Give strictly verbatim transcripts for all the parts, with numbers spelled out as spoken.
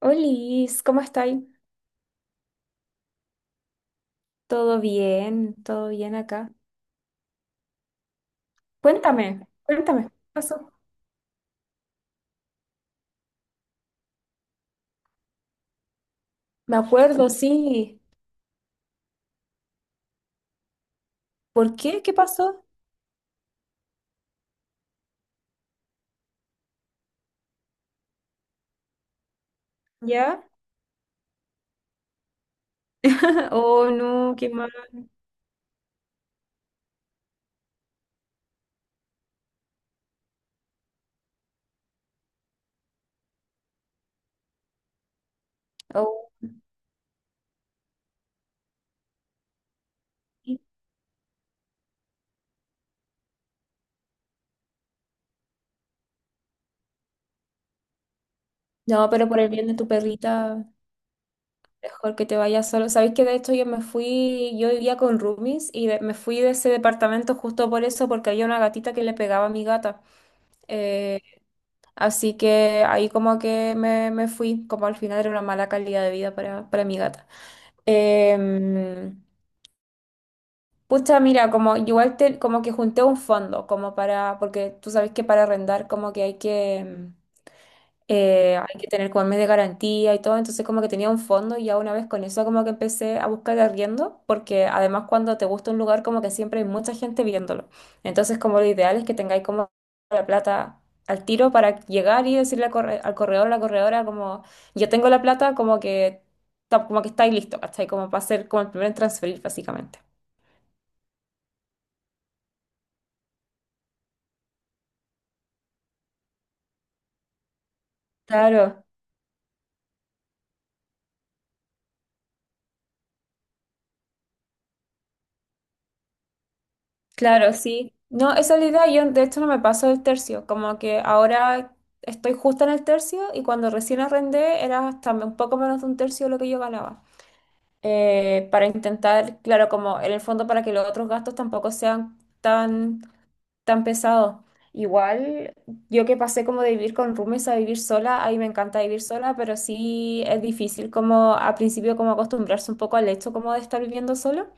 Olis, ¿cómo estáis? ¿Todo bien? ¿Todo bien acá? Cuéntame, cuéntame, ¿qué pasó? Me acuerdo, sí. ¿Por qué? ¿Qué pasó? ¿Ya? Oh, no, qué mal. Oh, sí. No, pero por el bien de tu perrita, mejor que te vayas solo. Sabéis que de hecho yo me fui, yo vivía con roomies y de- me fui de ese departamento justo por eso, porque había una gatita que le pegaba a mi gata. Eh, Así que ahí como que me, me fui, como al final era una mala calidad de vida para, para mi gata. Em, Pucha, mira, como igual te- como que junté un fondo, como para, porque tú sabes que para arrendar como que hay que, mm, eh, hay que tener como el mes de garantía y todo, entonces como que tenía un fondo y ya una vez con eso como que empecé a buscar arriendo, porque además cuando te gusta un lugar como que siempre hay mucha gente viéndolo, entonces como lo ideal es que tengáis como la plata al tiro para llegar y decirle al corre- al corredor, la corredora como yo tengo la plata, como que, ta- como que estáis listo, ¿cachai? Como para hacer como el primer en transferir básicamente. Claro. Claro, sí. No, esa es la idea. Yo de hecho no me paso del tercio. Como que ahora estoy justo en el tercio y cuando recién arrendé era hasta un poco menos de un tercio de lo que yo ganaba. Eh, para intentar, claro, como en el fondo para que los otros gastos tampoco sean tan tan pesado. Igual, yo que pasé como de vivir con roomies a vivir sola, ahí me encanta vivir sola, pero sí es difícil como al principio como acostumbrarse un poco al hecho como de estar viviendo solo.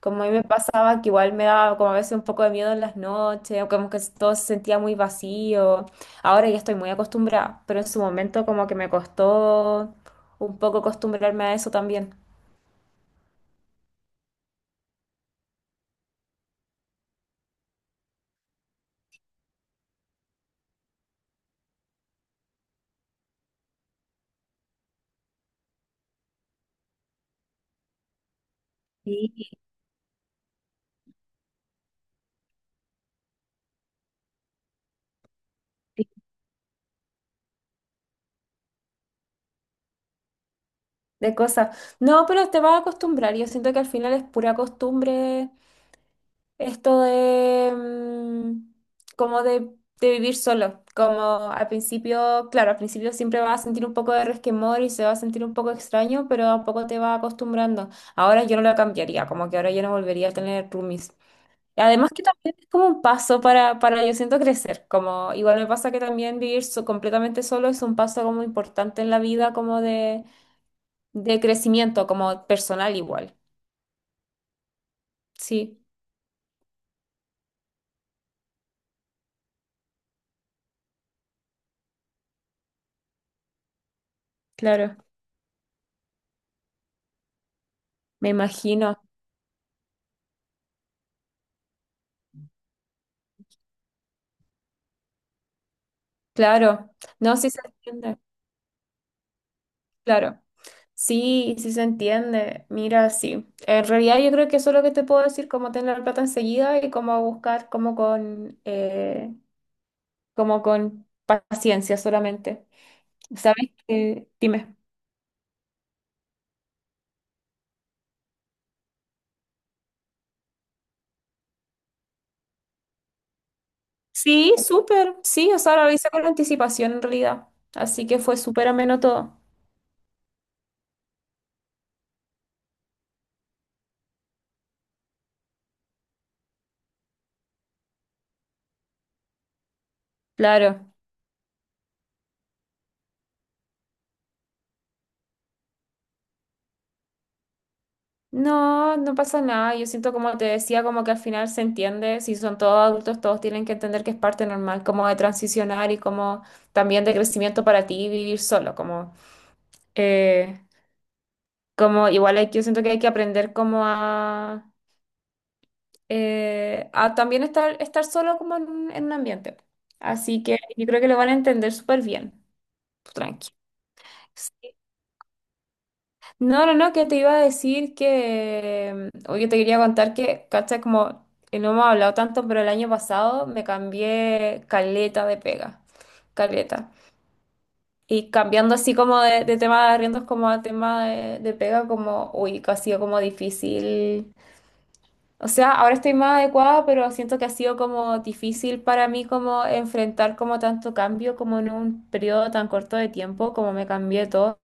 Como a mí me pasaba que igual me daba como a veces un poco de miedo en las noches, o como que todo se sentía muy vacío. Ahora ya estoy muy acostumbrada, pero en su momento como que me costó un poco acostumbrarme a eso también. Sí, sí, de cosas. No, pero te vas a acostumbrar. Yo siento que al final es pura costumbre esto de mm, como de, de vivir solo, como al principio, claro, al principio siempre vas a sentir un poco de resquemor y se va a sentir un poco extraño, pero a poco te vas acostumbrando. Ahora yo no lo cambiaría, como que ahora yo no volvería a tener roomies. Y además que también es como un paso para, para yo siento crecer, como igual me pasa que también vivir so- completamente solo es un paso como importante en la vida, como de, de crecimiento, como personal igual. Sí, claro, me imagino. Claro, no, sí se entiende, claro. Sí, sí se entiende. Mira, sí. En realidad yo creo que eso es lo que te puedo decir, cómo tener la plata enseguida y cómo buscar como con, eh, como con paciencia solamente. ¿Sabes qué? Dime. Sí, súper. Sí, o sea, lo hice con anticipación en realidad. Así que fue súper ameno todo. Claro. No, no pasa nada. Yo siento como te decía, como que al final se entiende, si son todos adultos, todos tienen que entender que es parte normal, como de transicionar y como también de crecimiento para ti vivir solo, como, eh, como igual hay, que- yo siento que hay que aprender como a, eh, a también estar, estar solo como en, un en un ambiente. Así que yo creo que lo van a entender súper bien, tranqui. No, no, no, que te iba a decir que, mm, oye, te quería contar que, cacha, como eh, no hemos hablado tanto, pero el año pasado me cambié caleta de pega, caleta. Y cambiando así como de, de tema de arriendos como a tema de, de pega, como, uy, que ha sido como difícil. O sea, ahora estoy más adecuada, pero siento que ha sido como difícil para mí como enfrentar como tanto cambio como en un periodo tan corto de tiempo, como me cambié todo,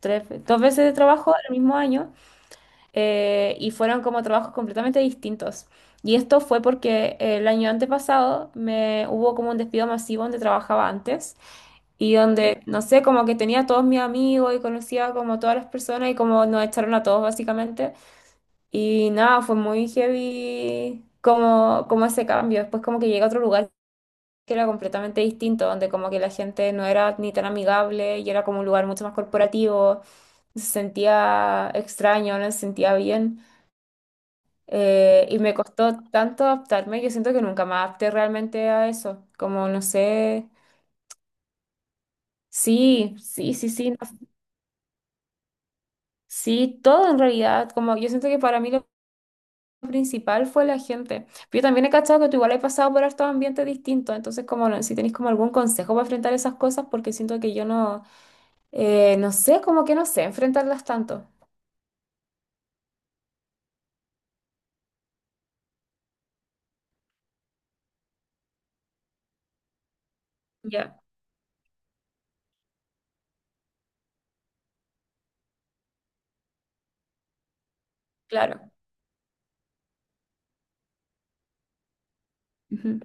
tres, dos veces de trabajo el mismo año. Eh, y fueron como trabajos completamente distintos. Y esto fue porque el año antepasado me hubo como un despido masivo donde trabajaba antes y donde, no sé, como que tenía a todos mis amigos y conocía como todas las personas y como nos echaron a todos básicamente. Y nada, fue muy heavy como, como ese cambio. Después como que llegué a otro lugar que era completamente distinto, donde como que la gente no era ni tan amigable y era como un lugar mucho más corporativo. Se sentía extraño, no se sentía bien. Eh, y me costó tanto adaptarme, yo siento que nunca me adapté realmente a eso, como no sé, sí, sí, sí, sí, no, sí, todo en realidad, como yo siento que para mí lo principal fue la gente. Pero yo también he cachado que tú igual has pasado por estos ambientes distintos, entonces como no, si tenés como algún consejo para enfrentar esas cosas, porque siento que yo no, eh, no sé, como que no sé enfrentarlas tanto. Ya, claro. Ujú,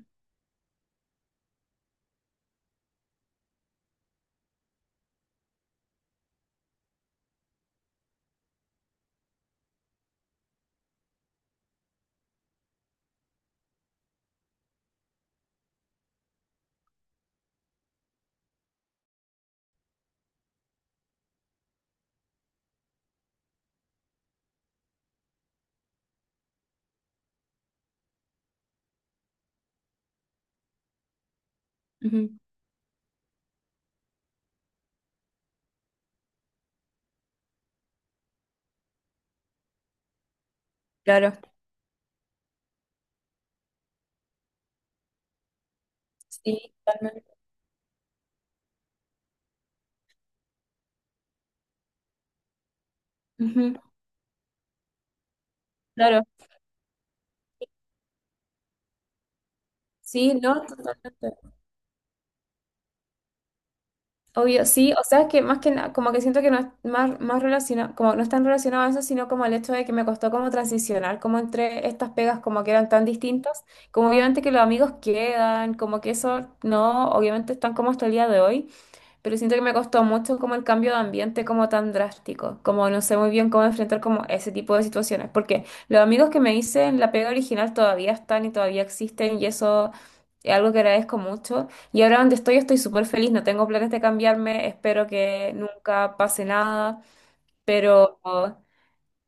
ujú, claro. Sí, totalmente. Ujú, claro. Sí, no. Obvio, sí, o sea, es que más que nada, como que siento que no es más, más relacionado, como no es tan relacionado a eso, sino como el hecho de que me costó como transicionar, como entre estas pegas como que eran tan distintas, como obviamente que los amigos quedan, como que eso no, obviamente están como hasta el día de hoy, pero siento que me costó mucho como el cambio de ambiente como tan drástico, como no sé muy bien cómo enfrentar como ese tipo de situaciones, porque los amigos que me hice en la pega original todavía están y todavía existen y eso es algo que agradezco mucho. Y ahora donde estoy estoy súper feliz, no tengo planes de cambiarme, espero que nunca pase nada, pero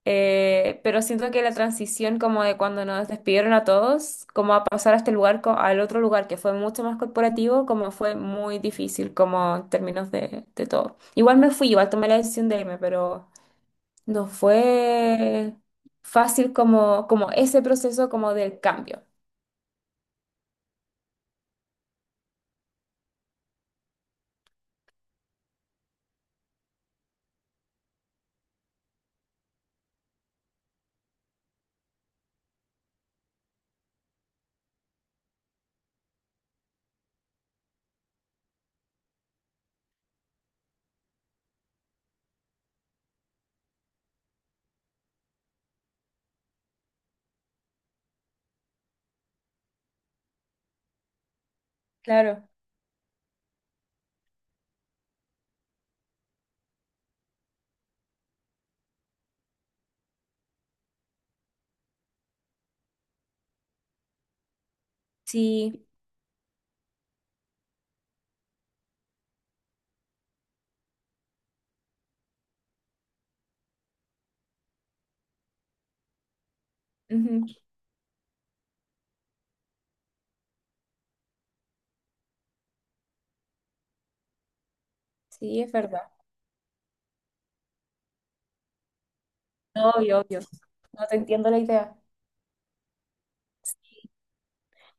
eh, pero siento que la transición como de cuando nos despidieron a todos, como a pasar a este lugar, co- al otro lugar que fue mucho más corporativo, como fue muy difícil como en términos de, de todo. Igual me fui, igual tomé la decisión de irme, pero no fue fácil como, como ese proceso como del cambio. Claro, sí, ujú, sí, es verdad. Obvio, obvio. No te entiendo la idea.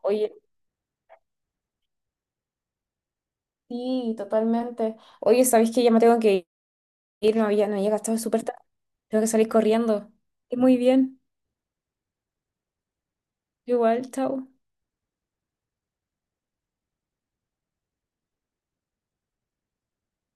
Oye, sí, totalmente. Oye, ¿sabéis que ya me tengo que ir? Ir, no había, no había gastado súper tarde. Tengo que salir corriendo. Y muy bien. Igual, chao.